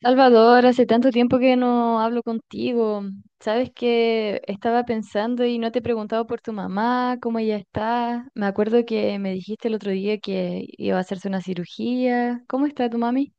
Salvador, hace tanto tiempo que no hablo contigo. Sabes que estaba pensando y no te he preguntado por tu mamá, cómo ella está. Me acuerdo que me dijiste el otro día que iba a hacerse una cirugía. ¿Cómo está tu mami?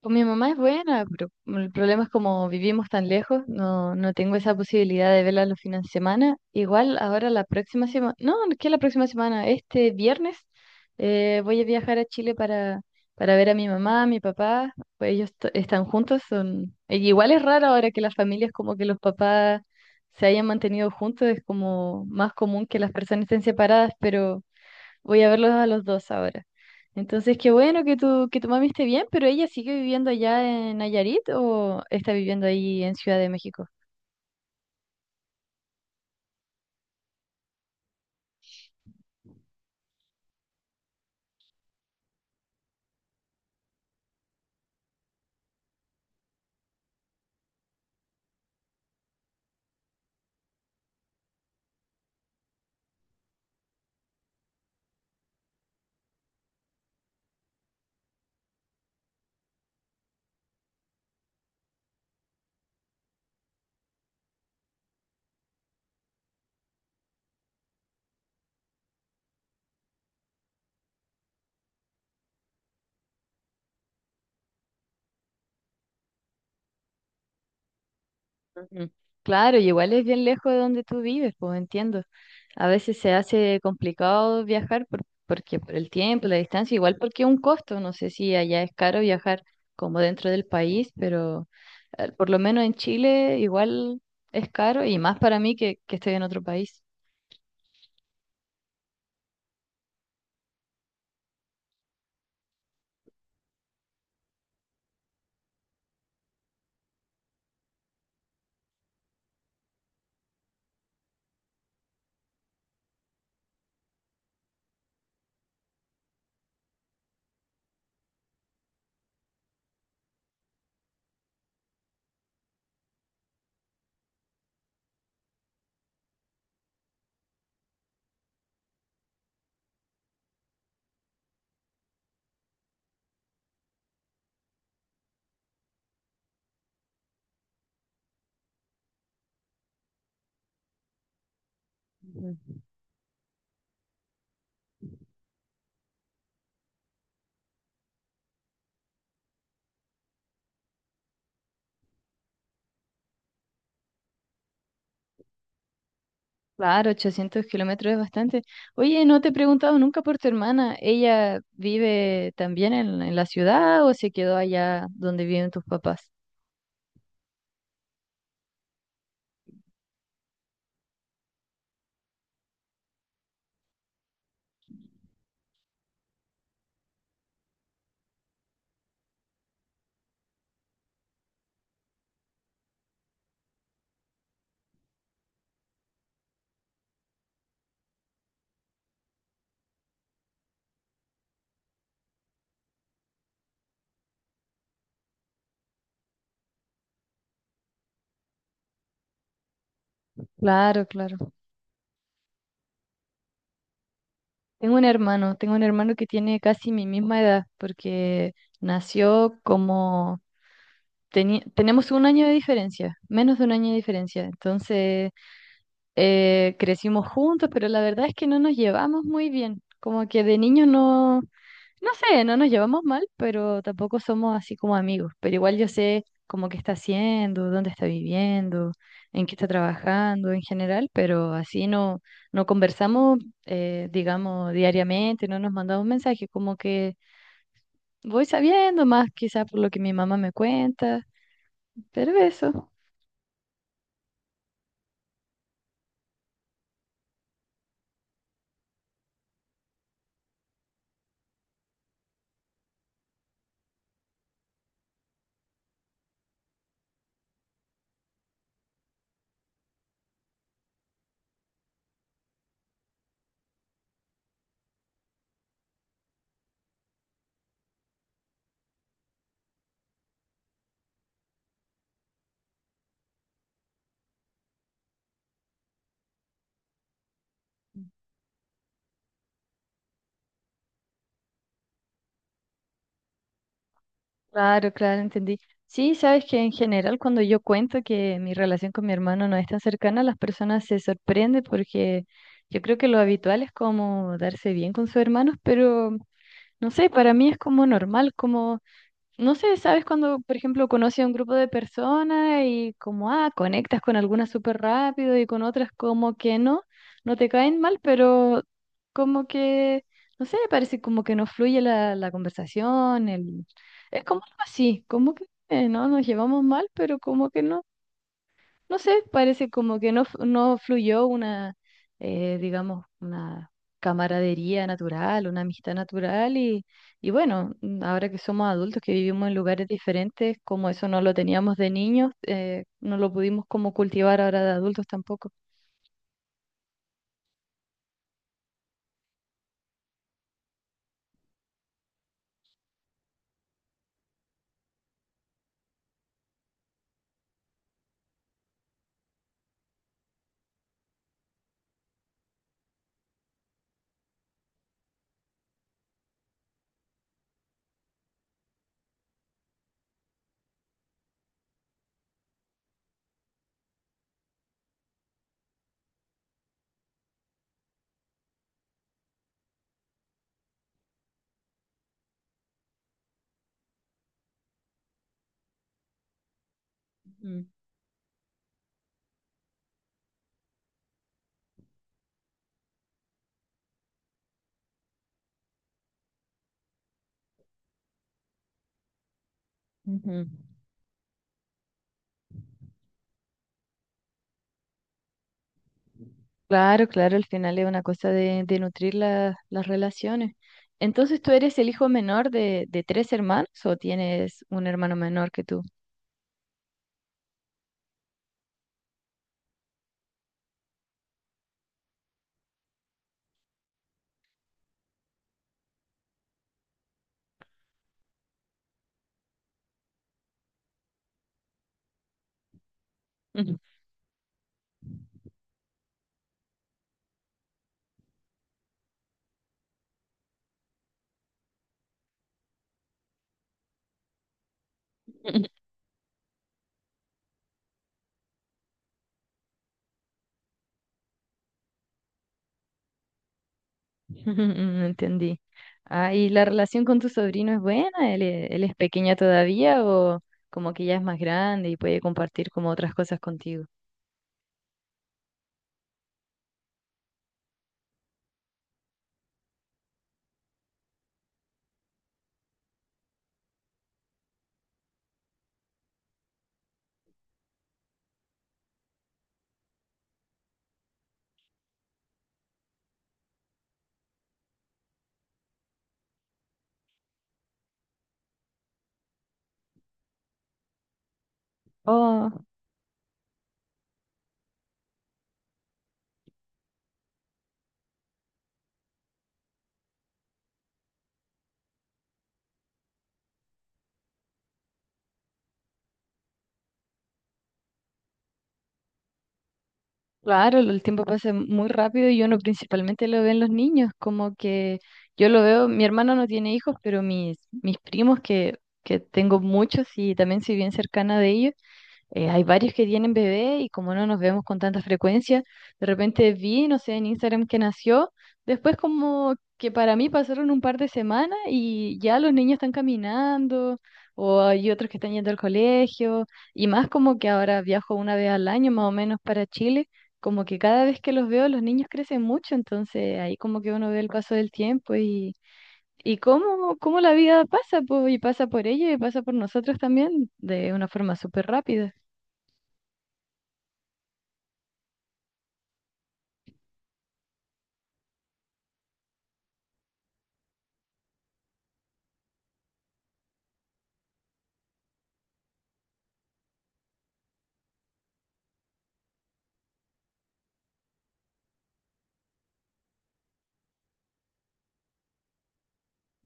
Con mi mamá es buena, pero el problema es como vivimos tan lejos, no, no tengo esa posibilidad de verla los fines de semana. Igual ahora la próxima semana, no, que la próxima semana, este viernes voy a viajar a Chile para ver a mi mamá, a mi papá, pues ellos están juntos, son... E igual es raro ahora que las familias, como que los papás se hayan mantenido juntos, es como más común que las personas estén separadas, pero... Voy a verlos a los dos ahora. Entonces, qué bueno que que tu mami esté bien, pero ella sigue viviendo allá en Nayarit o está viviendo ahí en Ciudad de México. Ujú. Claro, y igual es bien lejos de donde tú vives, pues entiendo. A veces se hace complicado viajar porque por el tiempo, la distancia, igual porque es un costo. No sé si allá es caro viajar como dentro del país, pero por lo menos en Chile igual es caro y más para mí que estoy en otro país. Claro, 800 kilómetros es bastante. Oye, no te he preguntado nunca por tu hermana. ¿Ella vive también en la ciudad o se quedó allá donde viven tus papás? Claro, claro. Tengo un hermano que tiene casi mi misma edad, porque nació como... tenemos 1 año de diferencia, menos de 1 año de diferencia. Entonces, crecimos juntos, pero la verdad es que no nos llevamos muy bien. Como que de niños no, no sé, no nos llevamos mal, pero tampoco somos así como amigos. Pero igual yo sé como qué está haciendo, dónde está viviendo, en qué está trabajando en general, pero así no, no conversamos, digamos, diariamente, no nos mandamos mensajes, como que voy sabiendo más quizás por lo que mi mamá me cuenta, pero eso. Claro, claro, entendí. Sí, sabes que en general cuando yo cuento que mi relación con mi hermano no es tan cercana, las personas se sorprenden porque yo creo que lo habitual es como darse bien con sus hermanos, pero no sé, para mí es como normal, como no sé, ¿sabes cuando, por ejemplo, conoces a un grupo de personas y como, ah, conectas con algunas súper rápido y con otras como que no, no te caen mal, pero como que, no sé, parece como que no fluye la conversación, el... es como algo así, como que no nos llevamos mal, pero como que no, no sé, parece como que no, no fluyó una, digamos, una camaradería natural, una amistad natural y bueno, mm, ahora que somos adultos, que vivimos en lugares diferentes, como eso no lo teníamos de niños, no lo pudimos como cultivar ahora de adultos tampoco. Ujú, ujú. Claro, claro, al final es una cosa de nutrir las relaciones. Entonces, ¿tú eres el hijo menor de tres hermanos o tienes un hermano menor que tú? Entendí. Ah, ¿y la relación con tu sobrino es buena? ¿Él, él es pequeña todavía o como que ya es más grande y puede compartir como otras cosas contigo? Oh, claro, el tiempo pasa muy rápido y uno principalmente lo ve en los niños, como que yo lo veo, mi hermano no tiene hijos, pero mis, mis primos que tengo muchos y también soy bien cercana de ellos. Hay varios que tienen bebé y como no nos vemos con tanta frecuencia, de repente vi, no sé, en Instagram que nació, después como que para mí pasaron un par de semanas y ya los niños están caminando o hay otros que están yendo al colegio y más como que ahora viajo 1 vez al año más o menos para Chile, como que cada vez que los veo los niños crecen mucho, entonces ahí como que uno ve el paso del tiempo y... y cómo, cómo la vida pasa, po, y pasa por ellos y pasa por nosotros también de una forma súper rápida.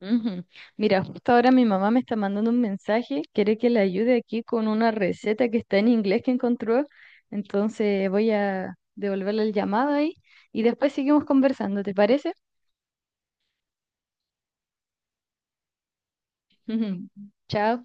Ujú. Mira, justo ahora mi mamá me está mandando un mensaje, quiere que le ayude aquí con una receta que está en inglés que encontró, entonces voy a devolverle el llamado ahí y después seguimos conversando, ¿te parece? Ujú. Chao.